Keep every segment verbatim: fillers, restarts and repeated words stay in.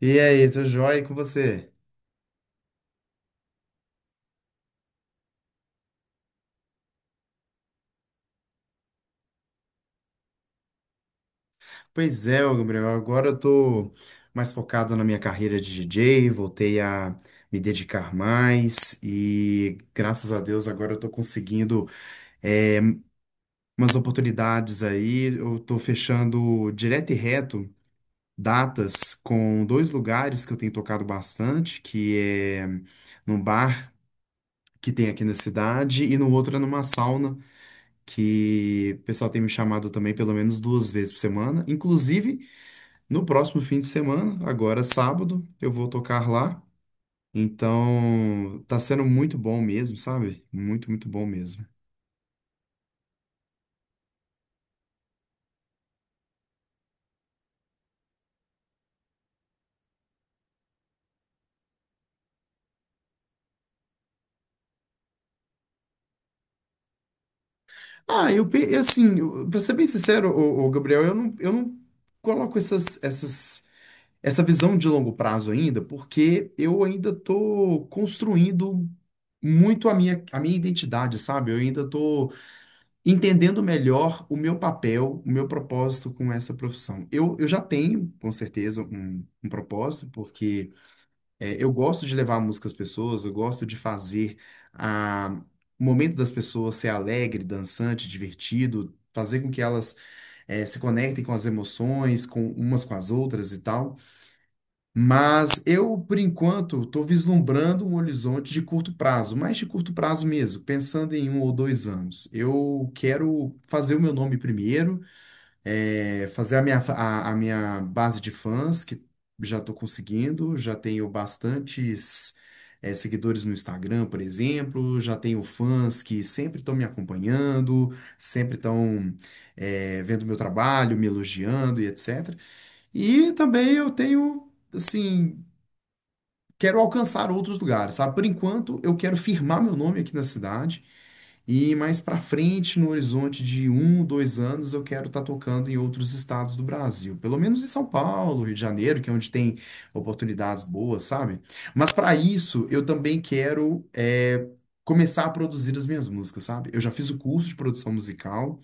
E aí, seu joia, e com você? Pois é, ô Gabriel, agora eu tô mais focado na minha carreira de D J, voltei a me dedicar mais e graças a Deus agora eu tô conseguindo é, umas oportunidades aí. Eu tô fechando direto e reto datas com dois lugares que eu tenho tocado bastante, que é num bar que tem aqui na cidade e no outro é numa sauna que o pessoal tem me chamado também pelo menos duas vezes por semana. Inclusive, no próximo fim de semana, agora sábado, eu vou tocar lá. Então, tá sendo muito bom mesmo, sabe? Muito, muito bom mesmo. Ah, eu, pe- assim, eu- Pra ser bem sincero, o, Gabriel, eu não, eu não coloco essas, essas, essa visão de longo prazo ainda, porque eu ainda tô construindo muito a minha, a minha identidade, sabe? Eu ainda tô entendendo melhor o meu papel, o meu propósito com essa profissão. Eu, eu já tenho, com certeza, um, um propósito, porque é, eu gosto de levar a música às pessoas, eu gosto de fazer a, o momento das pessoas ser alegre, dançante, divertido, fazer com que elas é, se conectem com as emoções, com umas com as outras e tal. Mas eu, por enquanto, estou vislumbrando um horizonte de curto prazo, mais de curto prazo mesmo, pensando em um ou dois anos. Eu quero fazer o meu nome primeiro, eh, fazer a minha, fa- a, a minha base de fãs, que já estou conseguindo, já tenho bastantes, eh, seguidores no Instagram, por exemplo, já tenho fãs que sempre estão me acompanhando, sempre estão vendo meu trabalho, me elogiando e et cetera. E também eu tenho. Assim, quero alcançar outros lugares, sabe? Por enquanto, eu quero firmar meu nome aqui na cidade e mais pra frente, no horizonte de um, dois anos, eu quero estar tocando em outros estados do Brasil, pelo menos em São Paulo, Rio de Janeiro, que é onde tem oportunidades boas, sabe? Mas para isso, eu também quero é, começar a produzir as minhas músicas, sabe? Eu já fiz o curso de produção musical.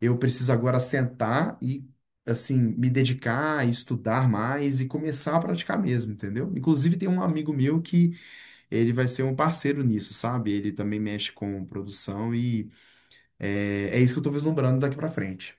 Eu preciso agora sentar e, assim, me dedicar, estudar mais e começar a praticar mesmo, entendeu? Inclusive, tem um amigo meu que ele vai ser um parceiro nisso, sabe? Ele também mexe com produção e é, é isso que eu tô vislumbrando daqui pra frente.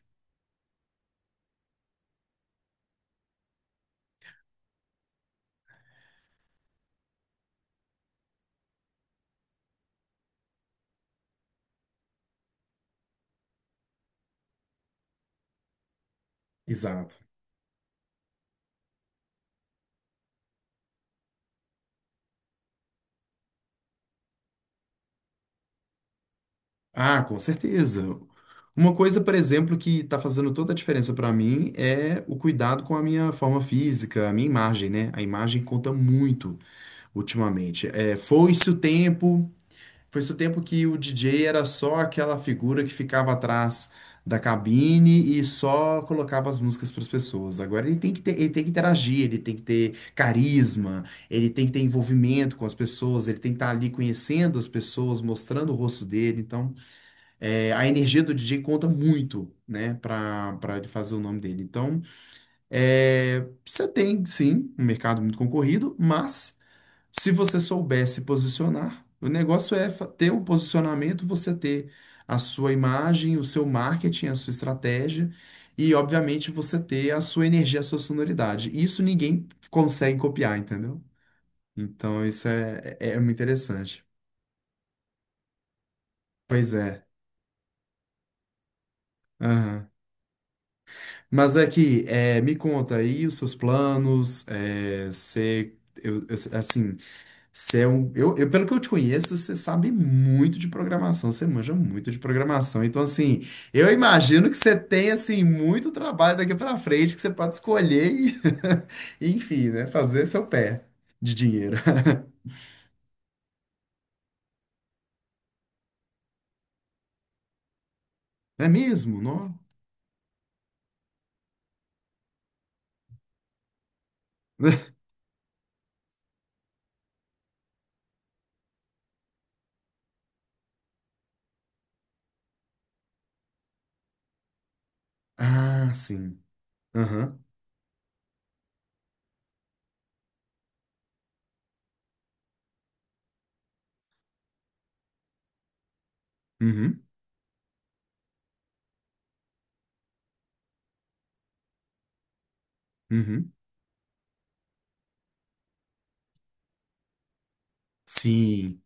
Exato. Ah, com certeza. Uma coisa, por exemplo, que está fazendo toda a diferença para mim é o cuidado com a minha forma física, a minha imagem, né? A imagem conta muito ultimamente. É, foi-se o tempo, foi esse o tempo que o D J era só aquela figura que ficava atrás da cabine e só colocava as músicas para as pessoas. Agora ele tem que ter, ele tem que interagir, ele tem que ter carisma, ele tem que ter envolvimento com as pessoas, ele tem que estar ali conhecendo as pessoas, mostrando o rosto dele. Então, é, a energia do D J conta muito, né, para para ele fazer o nome dele. Então, é, você tem, sim, um mercado muito concorrido, mas se você souber se posicionar, o negócio é fa- ter um posicionamento, você ter a sua imagem, o seu marketing, a sua estratégia e, obviamente, você ter a sua energia, a sua sonoridade. Isso ninguém consegue copiar, entendeu? Então, isso é, é, é muito interessante. Pois é. Aham. Mas aqui, é, me conta aí os seus planos. É, você, eu, eu- assim, Você é um, eu, eu, pelo que eu te conheço, você sabe muito de programação, você manja muito de programação. Então, assim, eu imagino que você tem, assim, muito trabalho daqui para frente que você pode escolher e, enfim, né, fazer seu pé de dinheiro. Não é mesmo? Não? Ah, sim. Aham. Uhum. Uhum. Sim.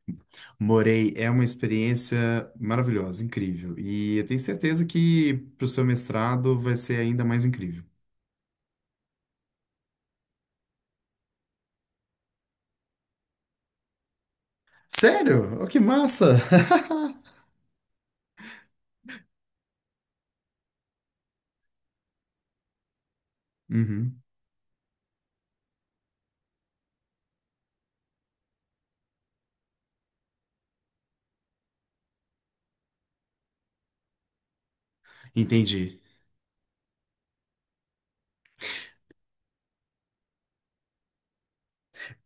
Morei, é uma experiência maravilhosa, incrível. E eu tenho certeza que para o seu mestrado vai ser ainda mais incrível. Sério? Oh, que massa! Uhum, entendi.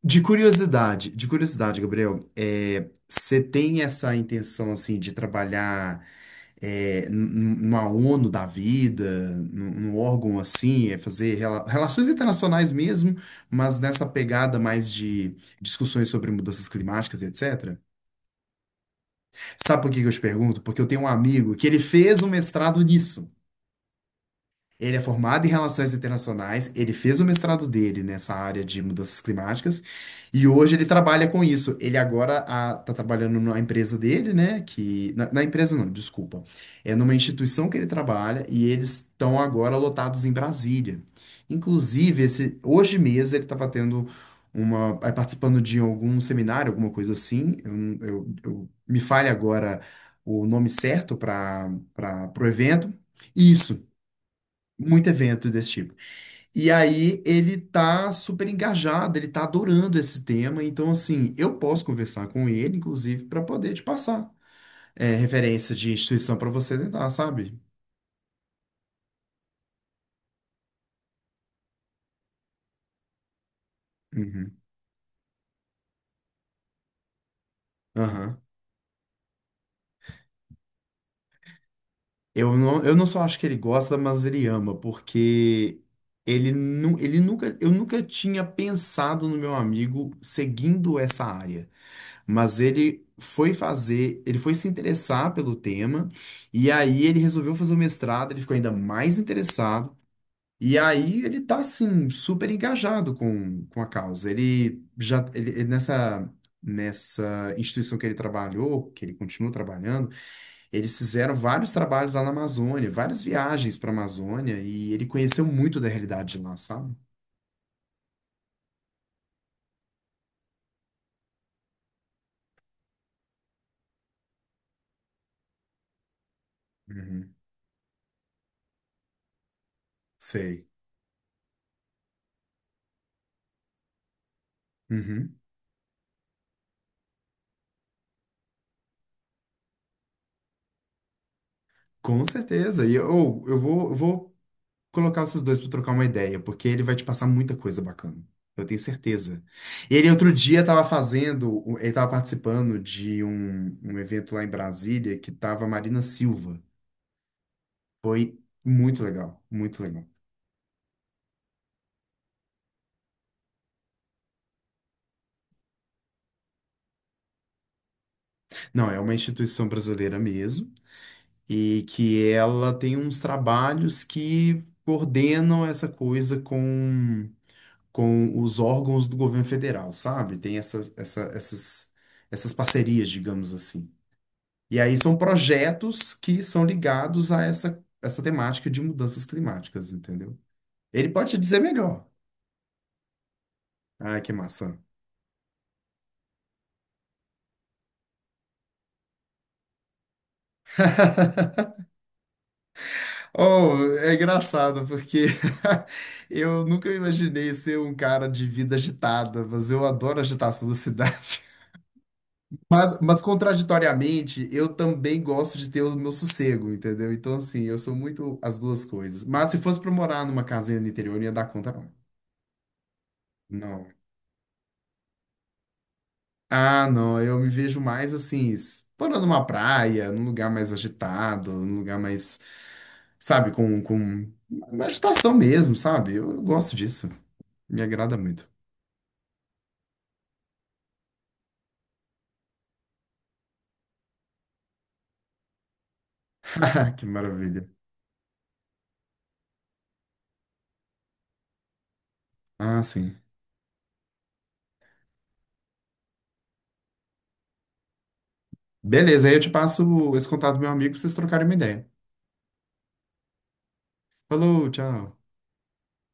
De curiosidade, de curiosidade, Gabriel, é, você tem essa intenção assim de trabalhar é, n- n- numa ONU da vida, num num órgão assim, é fazer rela- relações internacionais mesmo, mas nessa pegada mais de discussões sobre mudanças climáticas, et cetera. Sabe por que que eu te pergunto? Porque eu tenho um amigo que ele fez um mestrado nisso. Ele é formado em Relações Internacionais, ele fez o mestrado dele nessa área de mudanças climáticas e hoje ele trabalha com isso. Ele agora está trabalhando na empresa dele, né? Que, na, na empresa não, desculpa. É numa instituição que ele trabalha e eles estão agora lotados em Brasília. Inclusive, esse, hoje mesmo ele estava tendo uma, aí participando de algum seminário, alguma coisa assim. Eu, eu- eu- me falha agora o nome certo para para o evento. Isso. Muito evento desse tipo. E aí ele tá super engajado, ele tá adorando esse tema, então assim, eu posso conversar com ele, inclusive, para poder te passar é, referência de instituição para você tentar, sabe? Uhum. Aham. Eu não, eu não só acho que ele gosta, mas ele ama, porque ele, nu, ele nunca, eu nunca tinha pensado no meu amigo seguindo essa área. Mas ele foi fazer, ele foi se interessar pelo tema, e aí ele resolveu fazer o mestrado, ele ficou ainda mais interessado, e aí ele tá, assim, super engajado com, com a causa. Ele já, ele, ele nessa, nessa instituição que ele trabalhou, que ele continua trabalhando, eles fizeram vários trabalhos lá na Amazônia, várias viagens para a Amazônia, e ele conheceu muito da realidade de lá, sabe? Uhum. Sei. Uhum. Com certeza. E ou eu vou, eu vou colocar vocês dois para trocar uma ideia, porque ele vai te passar muita coisa bacana. Eu tenho certeza. Ele outro dia estava fazendo, ele estava participando de um, um evento lá em Brasília que estava Marina Silva. Foi muito legal, muito legal. Não, é uma instituição brasileira mesmo, e que ela tem uns trabalhos que coordenam essa coisa com, com os órgãos do governo federal, sabe? Tem essas, essa- essas, essas parcerias, digamos assim. E aí são projetos que são ligados a essa, essa temática de mudanças climáticas, entendeu? Ele pode te dizer melhor. Ai, que maçã. Oh, é engraçado, porque eu nunca imaginei ser um cara de vida agitada, mas eu adoro a agitação da cidade. Mas, mas contraditoriamente, eu também gosto de ter o meu sossego, entendeu? Então, assim, eu sou muito as duas coisas. Mas se fosse pra morar numa casinha no interior, eu não ia dar conta, não. Não. Ah, não, eu me vejo mais assim, s- morando numa praia, num lugar mais agitado, num lugar mais, sabe, com, com uma agitação mesmo, sabe? Eu, eu gosto disso. Me agrada muito. Que maravilha. Ah, sim. Beleza, aí eu te passo esse contato do meu amigo pra vocês trocarem uma ideia. Falou, tchau.